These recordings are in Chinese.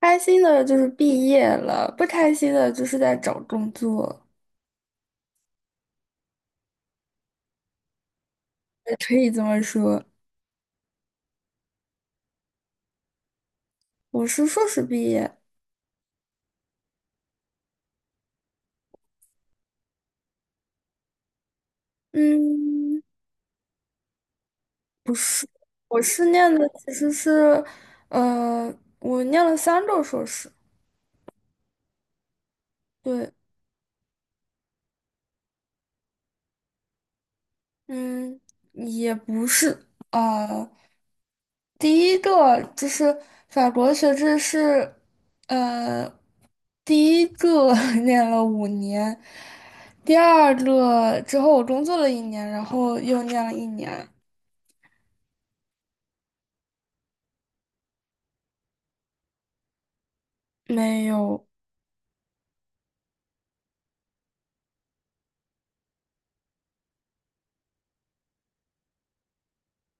开心的就是毕业了，不开心的就是在找工作，也可以这么说。我是硕士毕业，嗯，不是，我是念的其实是，呃，我念了三个硕士，对。嗯，也不是，呃，第一个就是法国学制是，呃。第一个 念了五年，第二个之后我工作了一年，然后又念了一年，没有，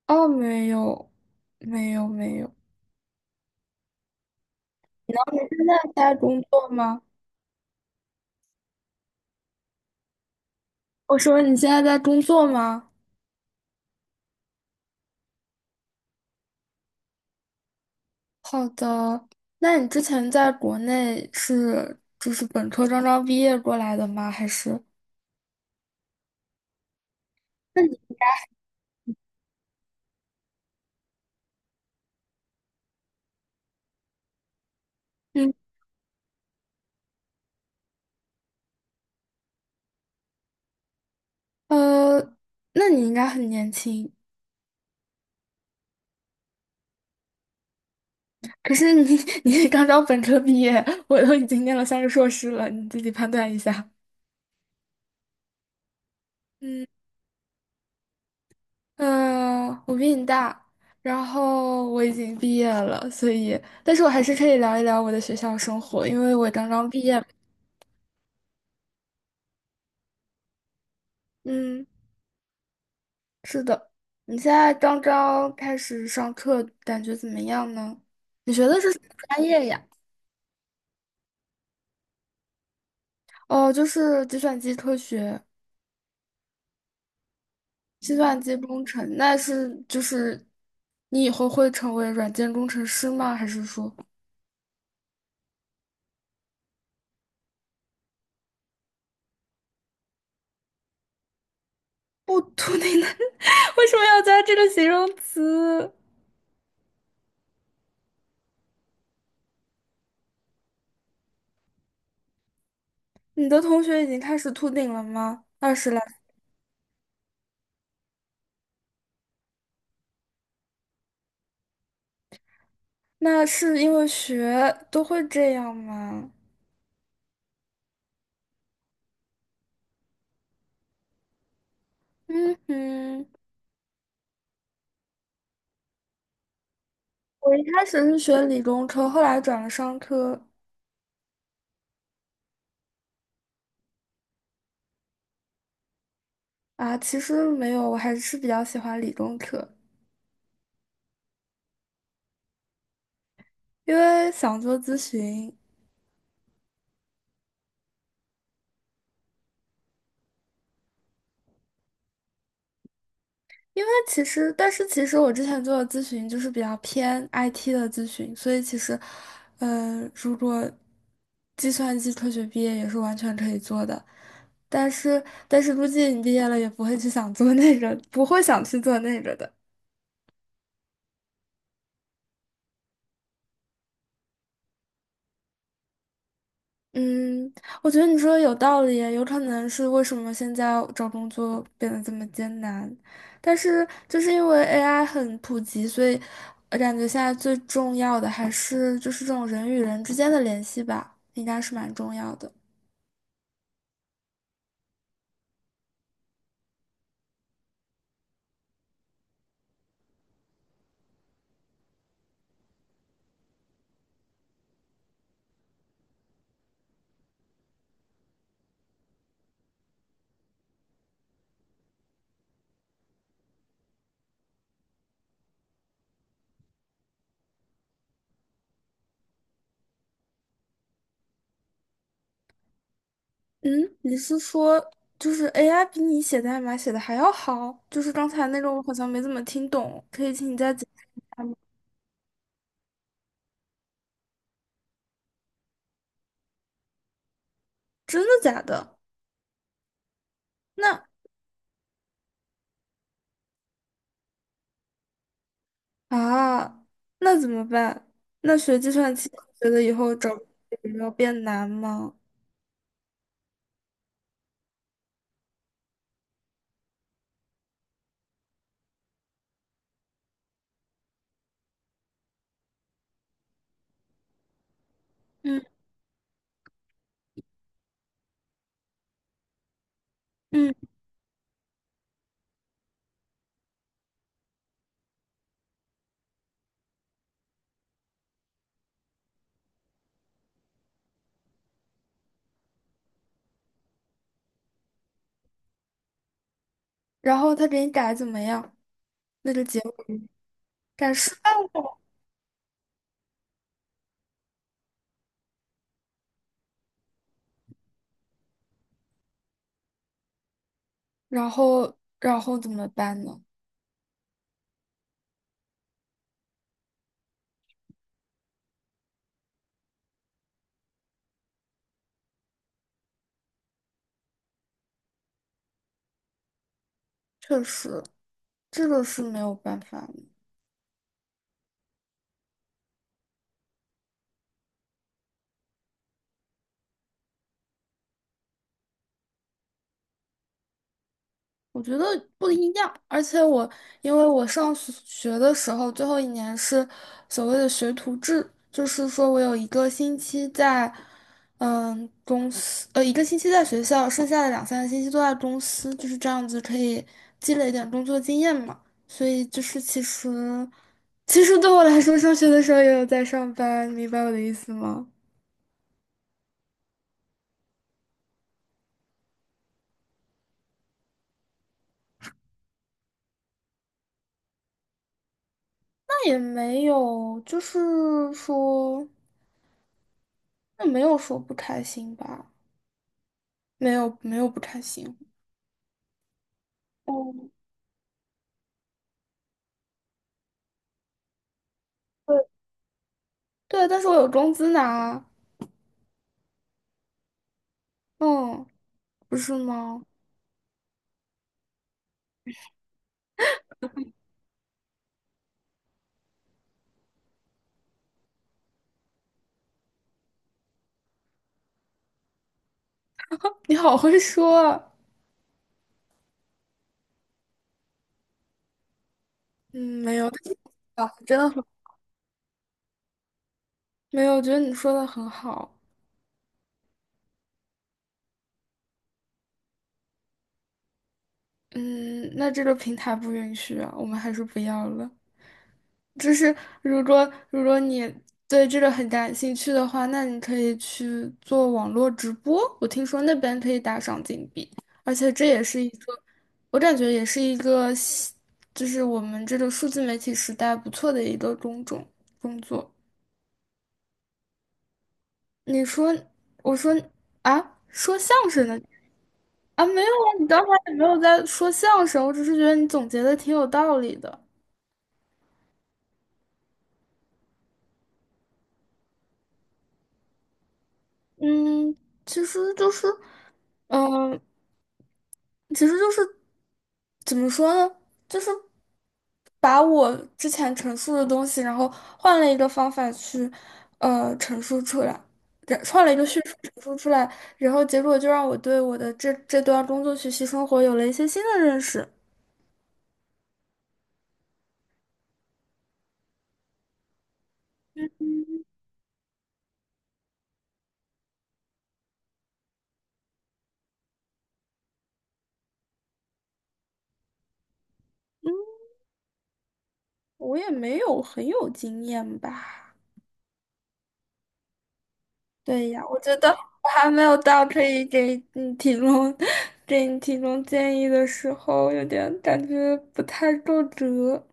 哦，没有，没有，没有。你现在在工作吗？我说你现在在工作吗？好的，那你之前在国内是就是本科刚刚毕业过来的吗？还是？那你嗯呃，那你应该很年轻。可是你 你刚刚本科毕业，我都已经念了三个硕士了，你自己判断一下。嗯，我比你大，然后我已经毕业了，所以，但是我还是可以聊一聊我的学校生活，因为我刚刚毕业。嗯，是的。你现在刚刚开始上课，感觉怎么样呢？你学的是什么专业呀？哦，就是计算机科学。计算机工程，那是就是你以后会成为软件工程师吗？还是说不秃顶的？为什么要加这个形容词？你的同学已经开始秃顶了吗？二十来，那是因为学都会这样吗？嗯哼。我一开始是学理工科，后来转了商科。啊，其实没有，我还是比较喜欢理工科，因为想做咨询。因为其实，但是其实我之前做的咨询就是比较偏 IT 的咨询，所以其实，如果计算机科学毕业也是完全可以做的。但是，但是估计你毕业了也不会去想做那个，不会想去做那个的。嗯，我觉得你说的有道理，有可能是为什么现在找工作变得这么艰难，但是就是因为 AI 很普及，所以我感觉现在最重要的还是就是这种人与人之间的联系吧，应该是蛮重要的。嗯，你是说就是 AI 比你写代码写的还要好？就是刚才那个我好像没怎么听懂，可以请你再讲。真的假的？那。啊，那怎么办？那学计算机，觉得以后找工作有没有变难吗？嗯嗯，然后他给你改怎么样？那个结果改失败然后怎么办呢？确实，这个是没有办法。我觉得不一样，而且我因为我上学学的时候，最后一年是所谓的学徒制，就是说我有一个星期在，公司，一个星期在学校，剩下的两三个星期都在公司，就是这样子可以积累一点工作经验嘛。所以就是其实，其实对我来说，上学的时候也有在上班，明白我的意思吗？那也没有，就是说，那没有说不开心吧。没有没有不开心。哦，对，对，但是我有工资拿，嗯，不是吗？你好会说啊。嗯，没有，但是啊，真的很没有，我觉得你说的很好。嗯，那这个平台不允许啊，我们还是不要了。就是如果你对这个很感兴趣的话，那你可以去做网络直播。我听说那边可以打赏金币，而且这也是一个，我感觉也是一个新就是我们这个数字媒体时代不错的一个工种工作。你说，我说啊，说相声的啊，没有啊，你刚才也没有在说相声，我只是觉得你总结的挺有道理的。嗯，其实就是，嗯。其实就是怎么说呢，就是把我之前陈述的东西，然后换了一个方法去陈述出来，然换了一个叙述陈述出来，然后结果就让我对我的这段工作学习生活有了一些新的认识。我也没有很有经验吧？对呀，我觉得我还没有到可以给你提供 给你提供建议的时候，有点感觉不太够格。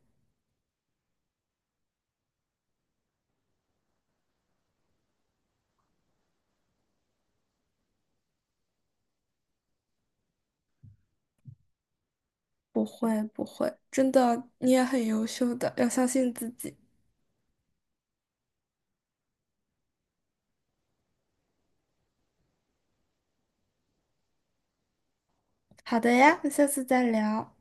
不会不会，真的，你也很优秀的，要相信自己。好的呀，那下次再聊。